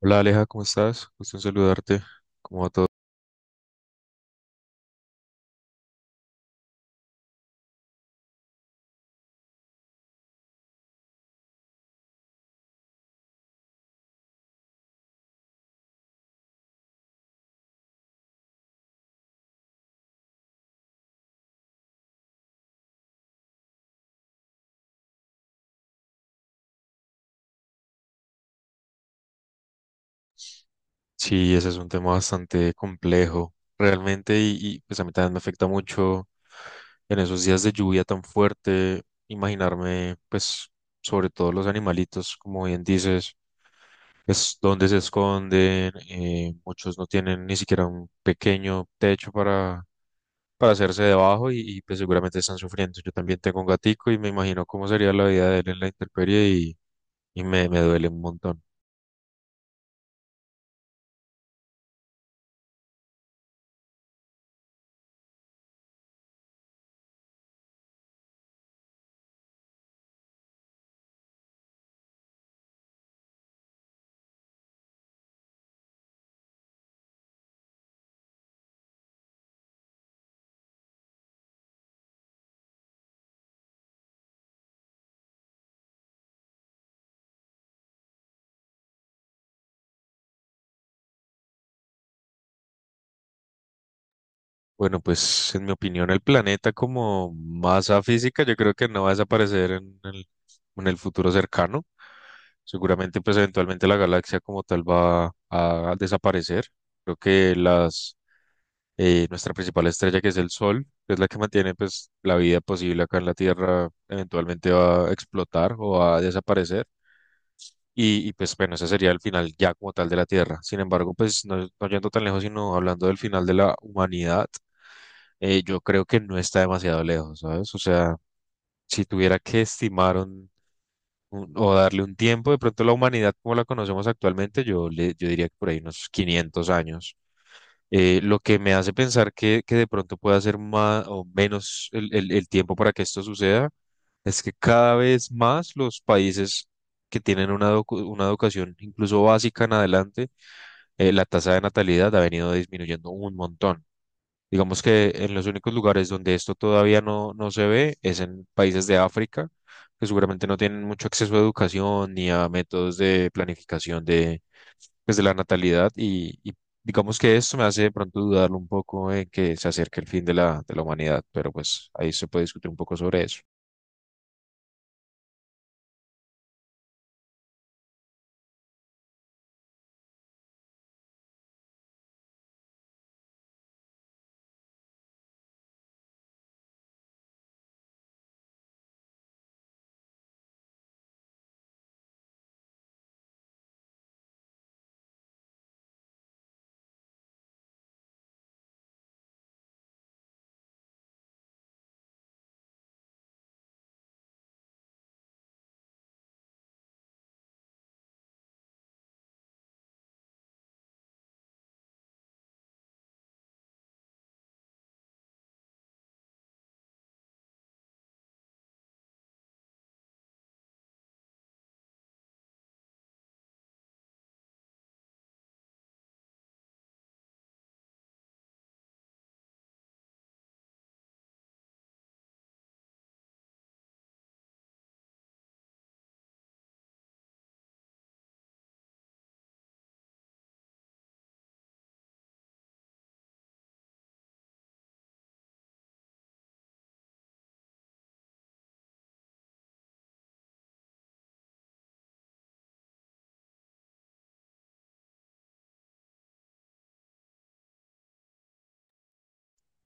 Hola Aleja, ¿cómo estás? Gusto en saludarte. ¿Cómo va todo? Sí, ese es un tema bastante complejo, realmente, y, pues a mí también me afecta mucho en esos días de lluvia tan fuerte, imaginarme, pues, sobre todo los animalitos, como bien dices, es donde se esconden, muchos no tienen ni siquiera un pequeño techo para, hacerse debajo y, pues seguramente están sufriendo. Yo también tengo un gatico y me imagino cómo sería la vida de él en la intemperie y me duele un montón. Bueno, pues en mi opinión el planeta como masa física yo creo que no va a desaparecer en el futuro cercano. Seguramente pues eventualmente la galaxia como tal va a desaparecer. Creo que nuestra principal estrella, que es el Sol, que es la que mantiene pues la vida posible acá en la Tierra, eventualmente va a explotar o va a desaparecer. Y, pues bueno, ese sería el final ya como tal de la Tierra. Sin embargo, pues no yendo tan lejos, sino hablando del final de la humanidad, yo creo que no está demasiado lejos, ¿sabes? O sea, si tuviera que estimar o darle un tiempo, de pronto la humanidad como la conocemos actualmente, yo diría que por ahí unos 500 años. Lo que me hace pensar que de pronto pueda ser más o menos el tiempo para que esto suceda es que cada vez más los países que tienen una educación incluso básica en adelante, la tasa de natalidad ha venido disminuyendo un montón. Digamos que en los únicos lugares donde esto todavía no se ve es en países de África, que seguramente no tienen mucho acceso a educación ni a métodos de planificación pues, de la natalidad, y digamos que esto me hace de pronto dudar un poco en que se acerque el fin de la, humanidad, pero pues ahí se puede discutir un poco sobre eso.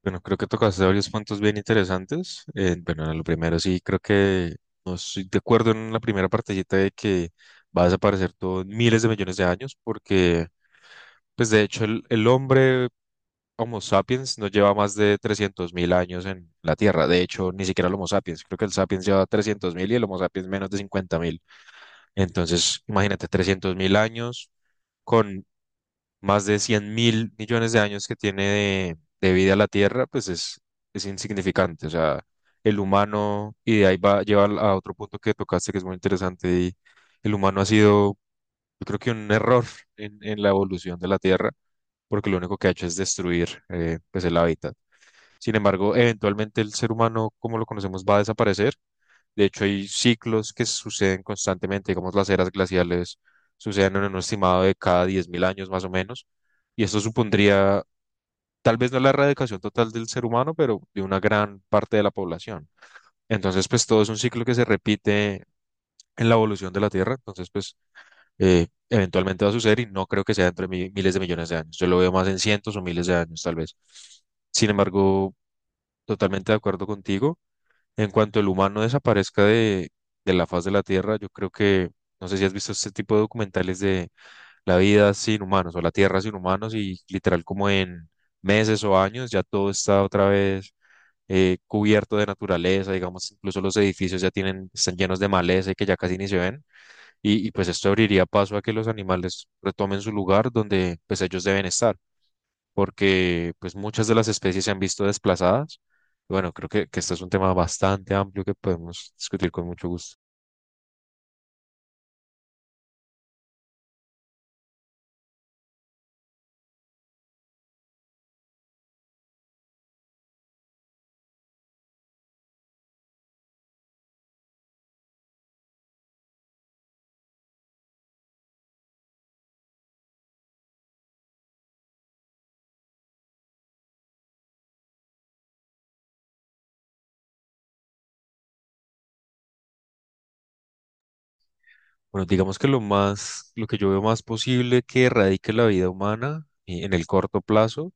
Bueno, creo que tocaste varios puntos bien interesantes. Bueno, en lo primero sí, creo que no estoy de acuerdo en la primera partecita de que va a desaparecer todo en miles de millones de años, porque pues de hecho, el hombre Homo sapiens no lleva más de 300.000 años en la Tierra. De hecho, ni siquiera el Homo sapiens. Creo que el sapiens lleva 300.000 y el Homo sapiens menos de 50.000. Entonces, imagínate, 300.000 años con más de 100.000.000.000 de años que tiene de vida la Tierra, pues es, insignificante. O sea, el humano, y de ahí va a llevar a otro punto que tocaste que es muy interesante, y el humano ha sido, yo creo que un error en la evolución de la Tierra, porque lo único que ha hecho es destruir, pues, el hábitat. Sin embargo, eventualmente el ser humano, como lo conocemos, va a desaparecer. De hecho, hay ciclos que suceden constantemente, digamos, las eras glaciales suceden en un estimado de cada 10.000 años más o menos, y esto supondría tal vez no la erradicación total del ser humano, pero de una gran parte de la población. Entonces, pues todo es un ciclo que se repite en la evolución de la Tierra. Entonces, pues eventualmente va a suceder y no creo que sea entre miles de millones de años. Yo lo veo más en cientos o miles de años, tal vez. Sin embargo, totalmente de acuerdo contigo. En cuanto el humano desaparezca de la faz de la Tierra, yo creo que, no sé si has visto este tipo de documentales de la vida sin humanos o la Tierra sin humanos, y literal como en meses o años ya todo está otra vez cubierto de naturaleza, digamos, incluso los edificios ya tienen, están llenos de maleza y que ya casi ni se ven, y, pues esto abriría paso a que los animales retomen su lugar donde pues ellos deben estar, porque pues muchas de las especies se han visto desplazadas. Bueno, creo que este es un tema bastante amplio que podemos discutir con mucho gusto. Bueno, digamos que lo que yo veo más posible que erradique la vida humana, en el corto plazo,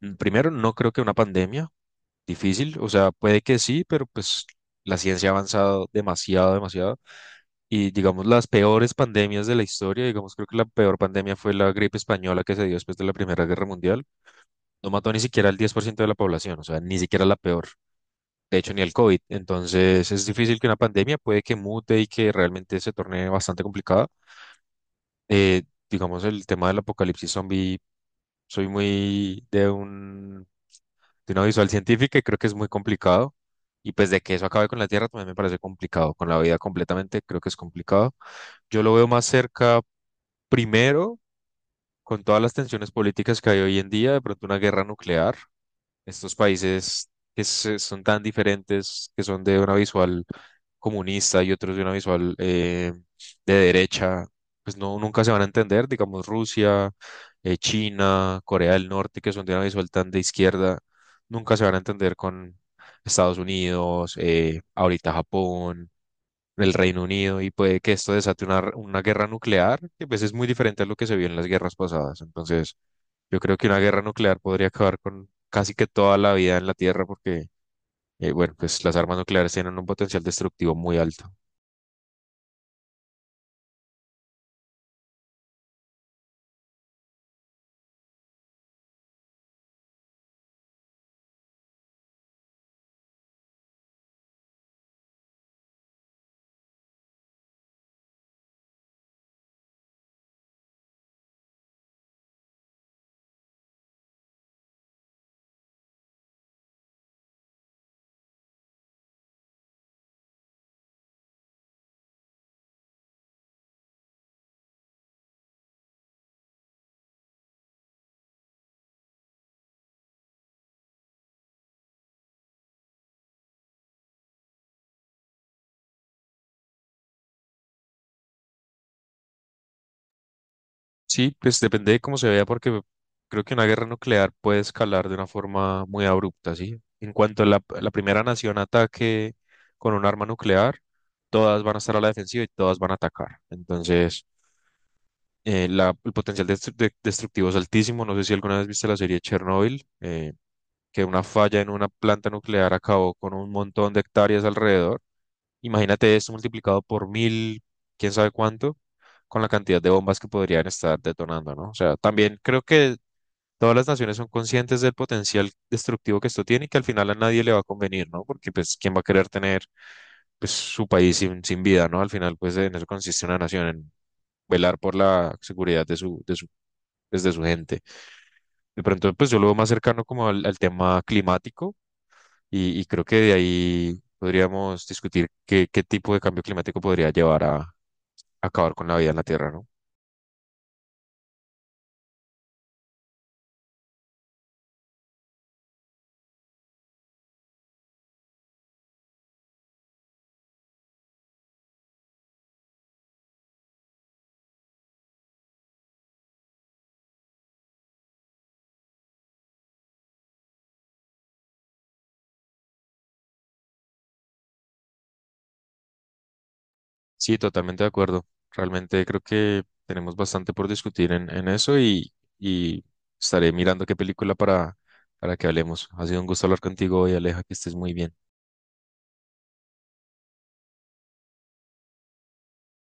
primero, no creo que una pandemia, difícil, o sea, puede que sí, pero pues la ciencia ha avanzado demasiado, demasiado. Y digamos, las peores pandemias de la historia, digamos, creo que la peor pandemia fue la gripe española, que se dio después de la Primera Guerra Mundial. No mató ni siquiera al 10% de la población, o sea, ni siquiera la peor. De hecho, ni el COVID. Entonces, es difícil que una pandemia, puede que mute y que realmente se torne bastante complicada. Eh, digamos, el tema del apocalipsis zombie, soy muy de un, de una visual científica y creo que es muy complicado. Y pues de que eso acabe con la Tierra también me parece complicado, con la vida completamente creo que es complicado. Yo lo veo más cerca. Primero, con todas las tensiones políticas que hay hoy en día, de pronto una guerra nuclear. Estos países, son tan diferentes, que son de una visual comunista y otros de una visual, de derecha, pues no, nunca se van a entender. Digamos Rusia, China, Corea del Norte, que son de una visual tan de izquierda, nunca se van a entender con Estados Unidos, ahorita Japón, el Reino Unido, y puede que esto desate una, guerra nuclear, que pues es muy diferente a lo que se vio en las guerras pasadas. Entonces, yo creo que una guerra nuclear podría acabar con casi que toda la vida en la Tierra porque, bueno, pues las armas nucleares tienen un potencial destructivo muy alto. Sí, pues depende de cómo se vea, porque creo que una guerra nuclear puede escalar de una forma muy abrupta, ¿sí? En cuanto a la, la primera nación ataque con un arma nuclear, todas van a estar a la defensiva y todas van a atacar. Entonces, el potencial destructivo es altísimo. No sé si alguna vez viste la serie Chernobyl, que una falla en una planta nuclear acabó con un montón de hectáreas alrededor. Imagínate esto multiplicado por mil, quién sabe cuánto, con la cantidad de bombas que podrían estar detonando, ¿no? O sea, también creo que todas las naciones son conscientes del potencial destructivo que esto tiene y que al final a nadie le va a convenir, ¿no? Porque pues, ¿quién va a querer tener, pues, su país sin vida, ¿no? Al final, pues en eso consiste una nación, en velar por la seguridad pues, de su gente. De pronto, pues yo lo veo más cercano como al tema climático, y creo que de ahí podríamos discutir qué tipo de cambio climático podría llevar a acabar con la vida en la Tierra, ¿no? Sí, totalmente de acuerdo. Realmente creo que tenemos bastante por discutir en eso, y estaré mirando qué película para, que hablemos. Ha sido un gusto hablar contigo hoy, Aleja, que estés muy bien.